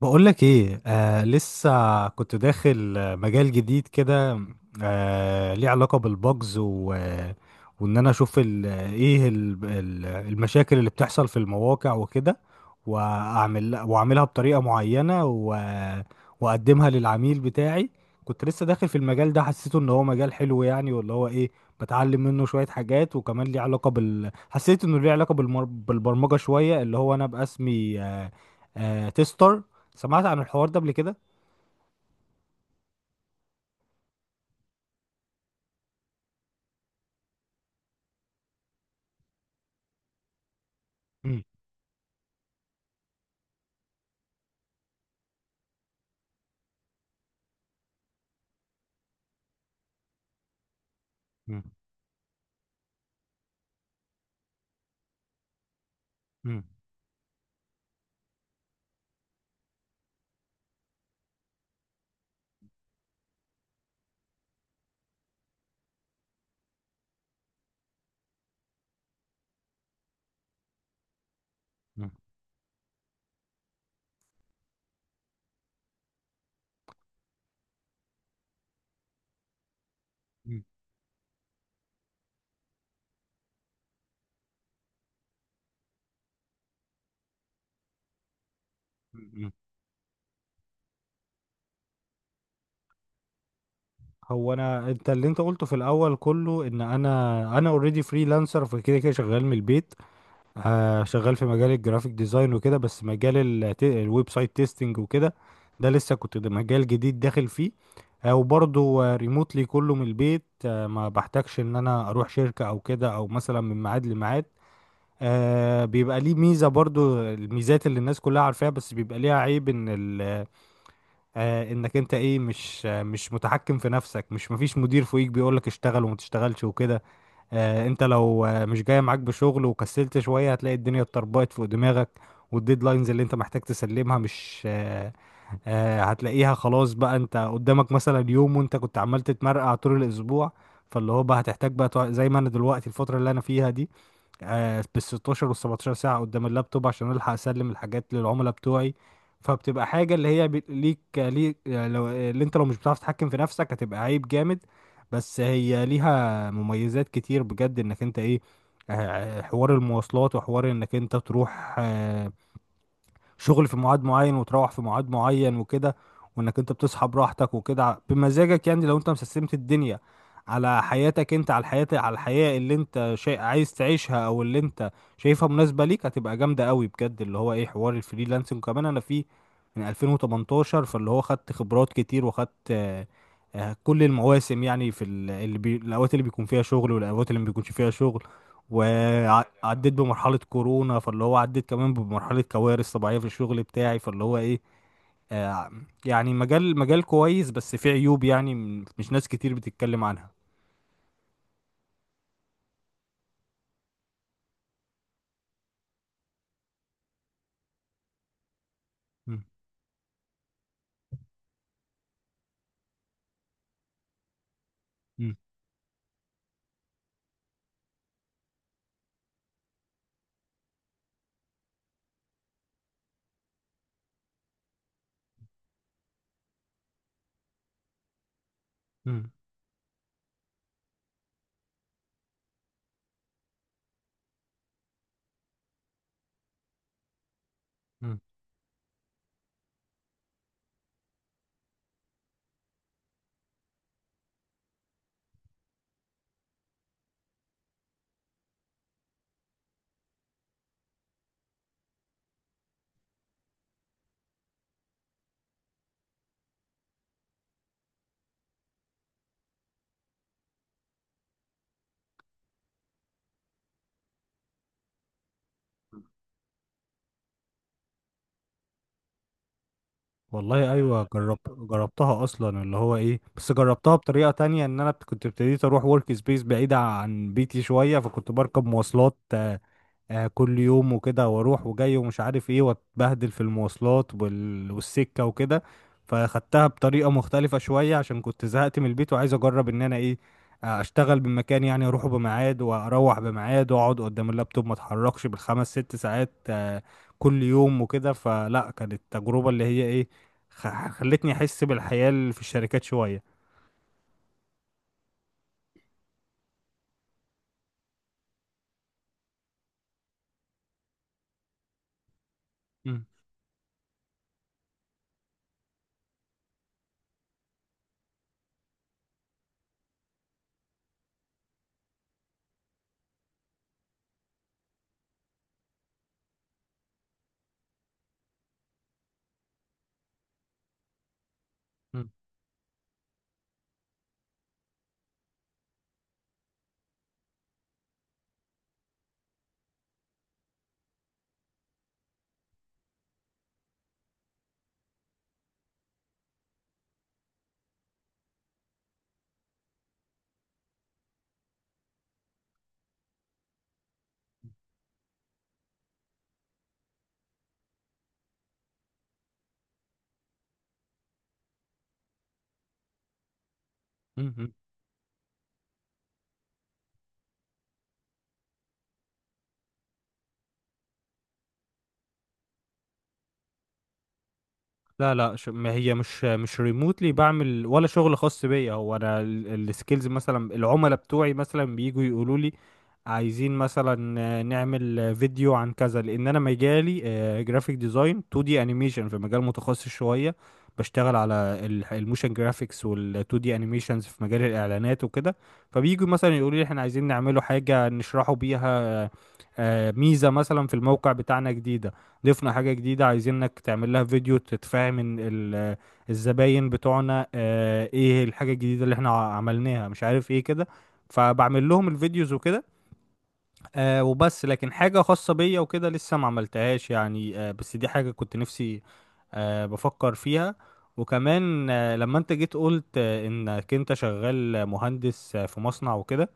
بقولك ايه، لسه كنت داخل مجال جديد كده. ليه علاقة بالبجز و وان انا اشوف ال ايه ال ال المشاكل اللي بتحصل في المواقع وكده، واعملها بطريقة معينة و واقدمها للعميل بتاعي. كنت لسه داخل في المجال ده، حسيته ان هو مجال حلو يعني، واللي هو ايه بتعلم منه شوية حاجات، وكمان ليه علاقة حسيت انه ليه علاقة بالبرمجة شوية، اللي هو انا باسمي تيستر. سمعت عن الحوار ده قبل كده؟ مم. مم. مم. مم. مم. مم. هو انا انت اللي انت قلته في الاول كله، ان انا اوريدي فريلانسر، فكده كده شغال من البيت. شغال في مجال الجرافيك ديزاين وكده، بس مجال الويب سايت تيستنج وكده، ده لسه كنت ده مجال جديد داخل فيه. وبرضه ريموتلي كله من البيت، ما بحتاجش ان انا اروح شركة او كده، او مثلا من ميعاد لميعاد. بيبقى ليه ميزة، برضو الميزات اللي الناس كلها عارفاها، بس بيبقى ليها عيب ان ال آه انك انت مش مش متحكم في نفسك، مش مفيش مدير فوقيك بيقولك اشتغل وما تشتغلش وكده. انت لو مش جاي معاك بشغل وكسلت شوية، هتلاقي الدنيا اتطربقت فوق دماغك، والديدلاينز اللي انت محتاج تسلمها مش هتلاقيها خلاص بقى انت قدامك مثلا يوم، وانت كنت عمال تتمرقع طول الاسبوع. فاللي هو بقى هتحتاج بقى زي ما انا دلوقتي الفترة اللي انا فيها دي، بالستاشر والسبعتاشر ساعة قدام اللابتوب عشان ألحق أسلم الحاجات للعملاء بتوعي. فبتبقى حاجة اللي هي ليك، لو اللي انت لو مش بتعرف تتحكم في نفسك هتبقى عيب جامد. بس هي ليها مميزات كتير بجد، انك انت ايه، حوار المواصلات، وحوار انك انت تروح شغل في ميعاد معين وتروح في ميعاد معين وكده، وانك انت بتصحى براحتك وكده بمزاجك، يعني لو انت مسستمت الدنيا على حياتك، انت على الحياة اللي انت شيء عايز تعيشها، او اللي انت شايفها مناسبة ليك، هتبقى جامدة قوي بجد، اللي هو ايه حوار الفريلانسنج. وكمان انا فيه من 2018، فاللي هو خدت خبرات كتير، وخدت كل المواسم، يعني في الاوقات اللي بيكون فيها شغل والاوقات اللي ما بيكونش فيها شغل، وعديت بمرحلة كورونا، فاللي هو عديت كمان بمرحلة كوارث طبيعية في الشغل بتاعي، فاللي هو ايه آه يعني مجال كويس، بس فيه عيوب، يعني مش ناس كتير بتتكلم عنها. مم. مم. مم. مم. والله ايوه، جربتها اصلا اللي هو ايه، بس جربتها بطريقة تانية، ان انا كنت ابتديت اروح ورك سبيس بعيدة عن بيتي شوية، فكنت بركب مواصلات كل يوم وكده، واروح وجاي ومش عارف ايه، واتبهدل في المواصلات والسكة وكده. فاخدتها بطريقة مختلفة شوية عشان كنت زهقت من البيت، وعايز اجرب ان انا ايه، اشتغل من مكان، يعني اروحه بميعاد واروح بميعاد واقعد قدام اللابتوب ما اتحركش بالخمس ست ساعات كل يوم وكده. فلا، كانت التجربة اللي هي ايه خلتني احس بالحياة اللي في الشركات شوية. مم. مم. مم. لا، لا، ما هي مش ريموتلي بعمل، ولا شغل خاص بيا. هو انا السكيلز، مثلا العملاء بتوعي مثلا بييجوا يقولوا لي عايزين مثلا نعمل فيديو عن كذا، لان انا مجالي جرافيك ديزاين 2 دي انيميشن، في مجال متخصص شويه، بشتغل على الموشن جرافيكس وال 2 دي انيميشنز في مجال الاعلانات وكده. فبييجوا مثلا يقولوا لي احنا عايزين نعمله حاجه نشرحوا بيها ميزه مثلا في الموقع بتاعنا جديده، ضفنا حاجة جديدة عايزينك تعمل لها فيديو تتفاهم ان الزباين بتوعنا ايه الحاجة الجديدة اللي احنا عملناها، مش عارف ايه كده. فبعمل لهم الفيديوز وكده. وبس، لكن حاجة خاصة بيا وكده لسه ما عملتهاش يعني، بس دي حاجة كنت نفسي بفكر فيها. وكمان لما انت جيت قلت انك انت شغال مهندس في مصنع وكده،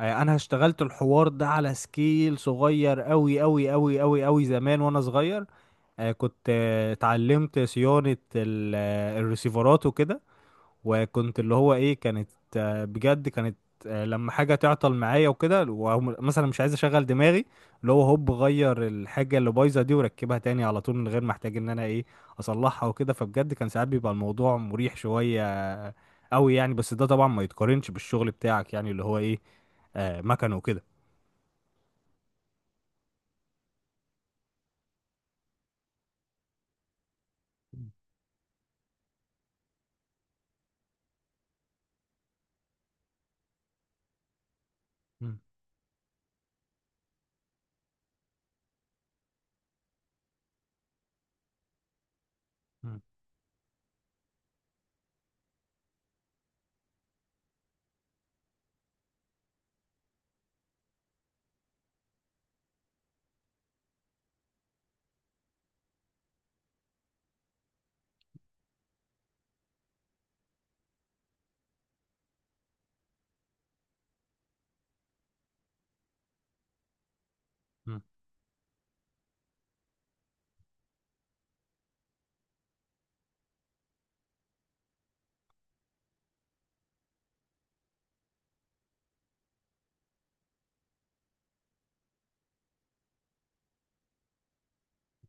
انا اشتغلت الحوار ده على سكيل صغير قوي قوي قوي قوي قوي زمان وانا صغير. كنت اتعلمت صيانة الريسيفرات وكده، وكنت اللي هو ايه كانت بجد كانت لما حاجة تعطل معايا وكده، ومثلا مش عايز اشغل دماغي، اللي هو هوب غير الحاجة اللي بايظة دي وركبها تاني على طول، من غير ما احتاج ان انا ايه اصلحها وكده، فبجد كان ساعات بيبقى الموضوع مريح شوية آه، قوي يعني. بس ده طبعا ما يتقارنش بالشغل بتاعك، يعني اللي هو ايه مكن وكده. مم. مم.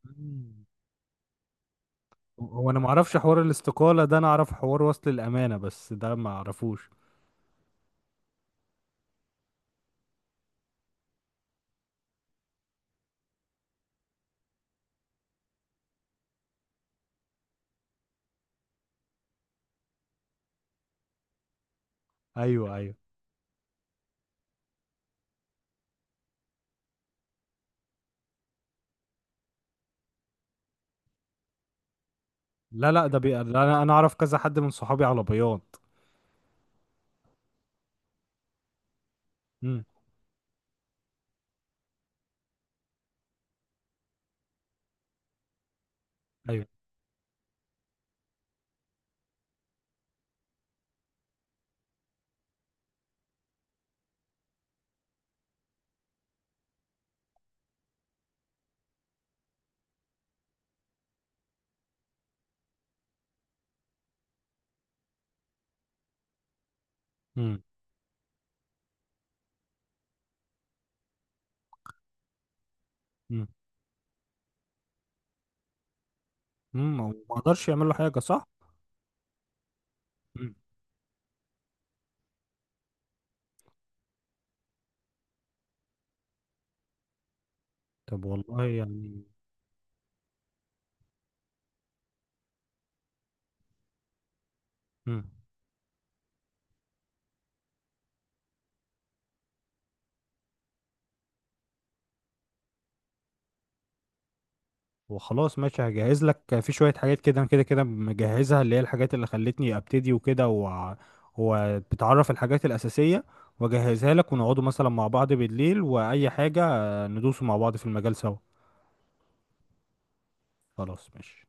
مم. هو انا ما اعرفش حوار الاستقالة ده، انا اعرف حوار وصل الامانة، بس ده ما اعرفوش. ايوه، ايوه. لا، لا، ده انا اعرف كذا حد من صحابي على بياض. امم. ايوه. امم. امم. امم. هو ما اقدرش يعمل له حاجة، صح؟ امم. طب والله يعني. امم. وخلاص ماشي، هجهز لك في شوية حاجات، كده كده كده مجهزها، اللي هي الحاجات اللي خلتني ابتدي وكده وبتعرف الحاجات الأساسية، واجهزها لك، ونقعدوا مثلا مع بعض بالليل وأي حاجة، ندوسوا مع بعض في المجال سوا. خلاص ماشي.